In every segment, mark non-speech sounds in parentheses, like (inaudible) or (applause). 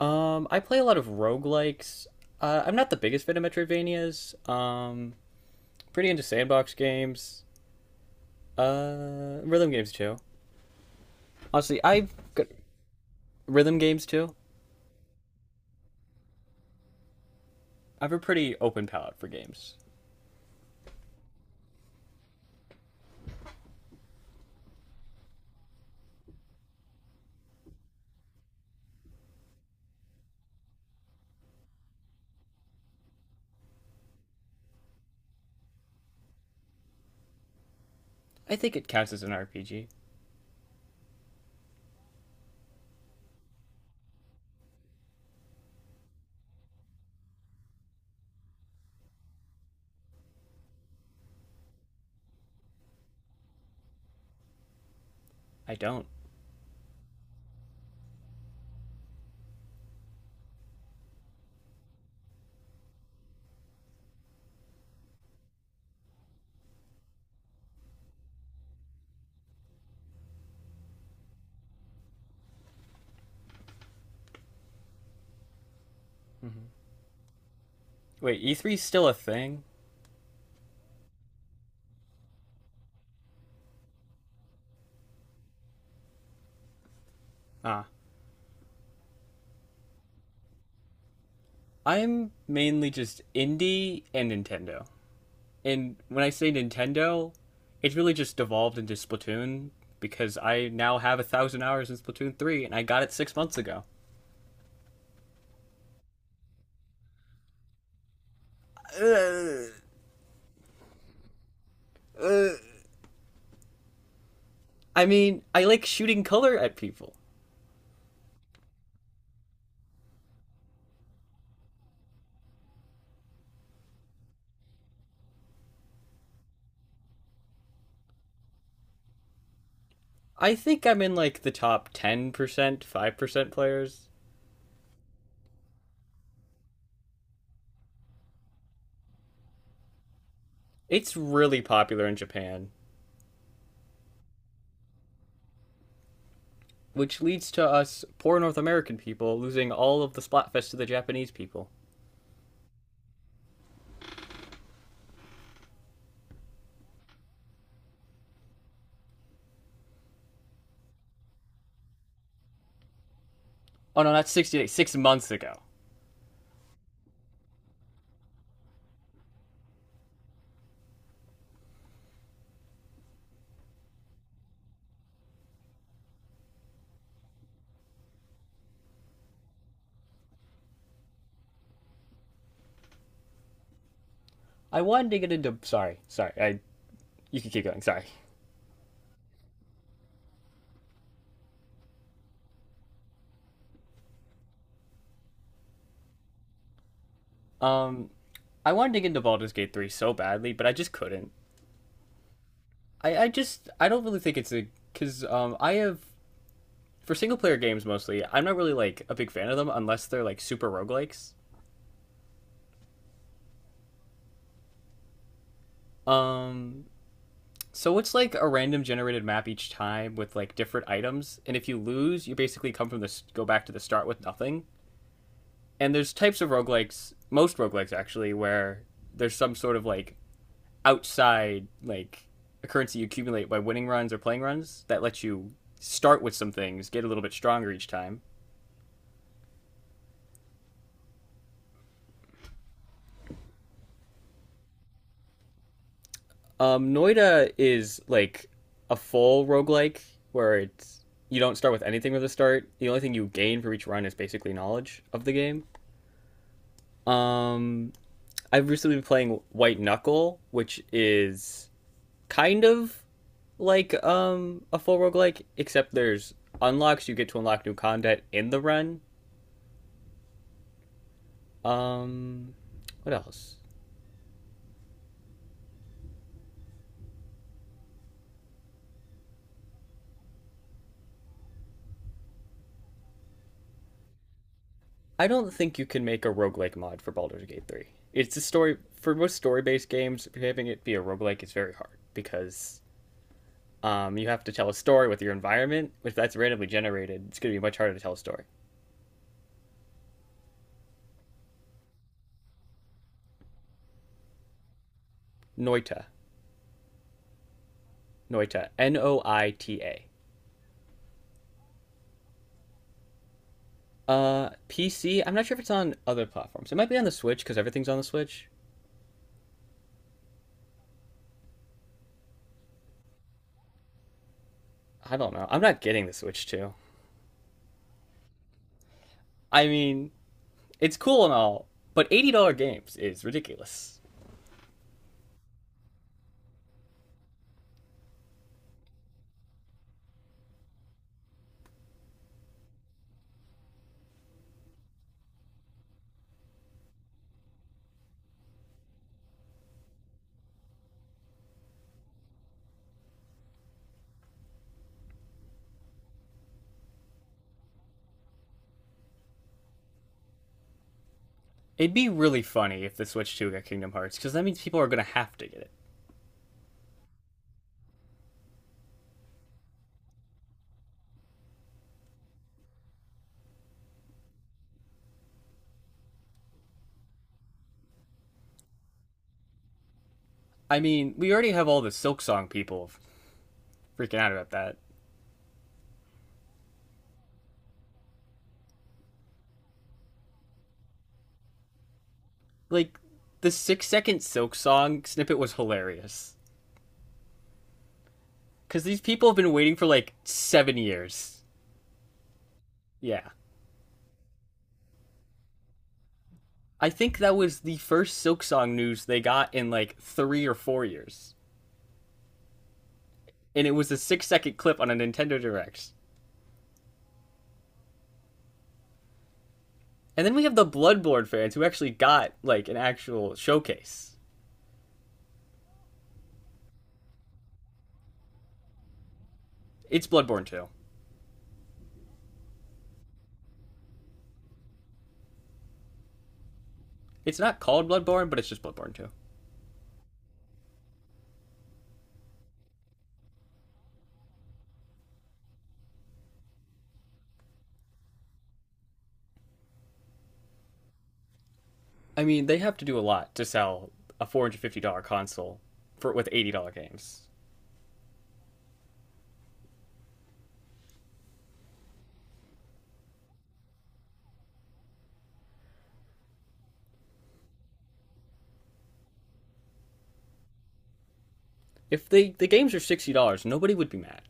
I play a lot of roguelikes. I'm not the biggest fan of Metroidvanias. Pretty into sandbox games. Rhythm games too. Honestly, I've got rhythm games too. I have a pretty open palette for games. I think it counts as an RPG. I don't. Wait, E3's still a thing? Ah. I'm mainly just indie and Nintendo, and when I say Nintendo, it's really just devolved into Splatoon because I now have a thousand hours in Splatoon 3 and I got it 6 months ago. I mean, I like shooting color at people. I think I'm in like the top 10%, 5% players. It's really popular in Japan, which leads to us poor North American people losing all of the Splatfest to the Japanese people. Oh no, that's 60 days, 6 months ago. I wanted to get into. Sorry, sorry. You can keep going, sorry. Um, I wanted to get into Baldur's Gate 3 so badly, but I just couldn't. I just, I don't really think it's a, because I have, for single player games mostly, I'm not really like a big fan of them unless they're like super roguelikes. Um, so it's like a random generated map each time with like different items, and if you lose, you basically come from the go back to the start with nothing. And there's types of roguelikes, most roguelikes actually, where there's some sort of like outside like a currency you accumulate by winning runs or playing runs that lets you start with some things, get a little bit stronger each time. Noida is like a full roguelike where it's you don't start with anything from the start. The only thing you gain for each run is basically knowledge of the game. Um, I've recently been playing White Knuckle, which is kind of like a full roguelike, except there's unlocks you get to unlock new content in the run. Um, what else? I don't think you can make a roguelike mod for Baldur's Gate 3. It's a story for most story-based games, having it be a roguelike is very hard because you have to tell a story with your environment. If that's randomly generated, it's going to be much harder to tell a story. Noita, Noita, N O I T A. PC. I'm not sure if it's on other platforms. It might be on the Switch because everything's on the Switch. I don't know. I'm not getting the Switch too. I mean, it's cool and all, but $80 games is ridiculous. It'd be really funny if the Switch 2 got Kingdom Hearts, because that means people are going to have to get it. I mean, we already have all the Silk Song people freaking out about that. Like, the 6 second Silk Song snippet was hilarious. Because these people have been waiting for like 7 years. Yeah. I think that was the first Silk Song news they got in like 3 or 4 years. And it was a 6 second clip on a Nintendo Direct. And then we have the Bloodborne fans who actually got like an actual showcase. It's Bloodborne 2. It's not called Bloodborne, but it's just Bloodborne 2. I mean, they have to do a lot to sell a $450 console for with $80 games. If they the games are $60, nobody would be mad.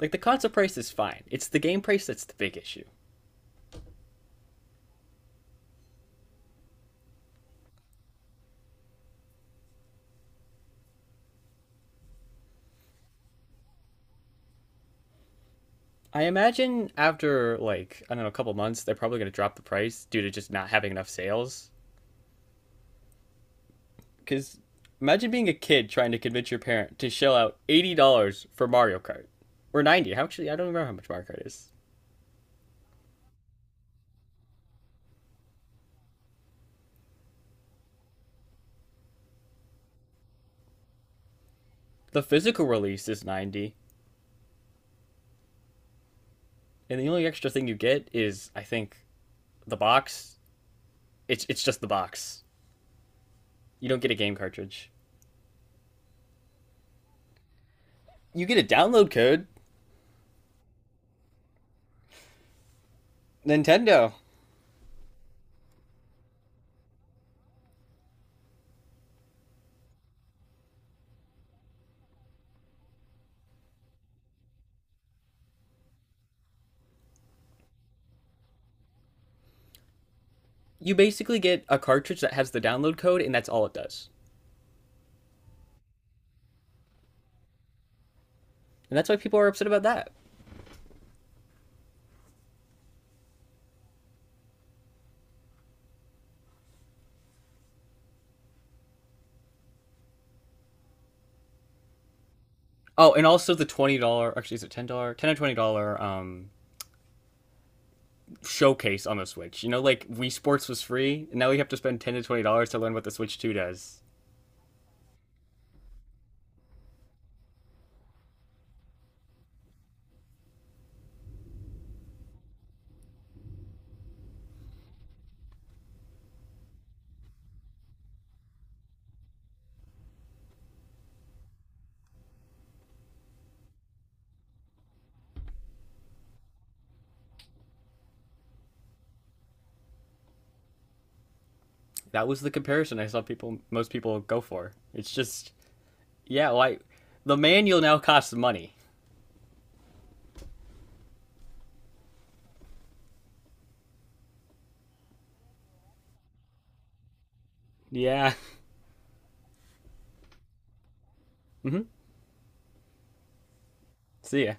Like the console price is fine. It's the game price that's the big issue. I imagine after like I don't know a couple months, they're probably going to drop the price due to just not having enough sales cuz imagine being a kid trying to convince your parent to shell out $80 for Mario Kart or 90. How actually I don't remember how much Mario Kart is. The physical release is $90. And the only extra thing you get is, I think, the box. It's just the box. You don't get a game cartridge. You get a download code. Nintendo. You basically get a cartridge that has the download code, and that's all it does. And that's why people are upset about that. Oh, and also the $20. Actually, is it $10? $10 or $20 showcase on the Switch. You know, like Wii Sports was free, and now we have to spend $10 to $20 to learn what the Switch Two does. That was the comparison I saw people, most people go for. It's just, yeah, why the manual now costs money. Yeah. (laughs) See ya.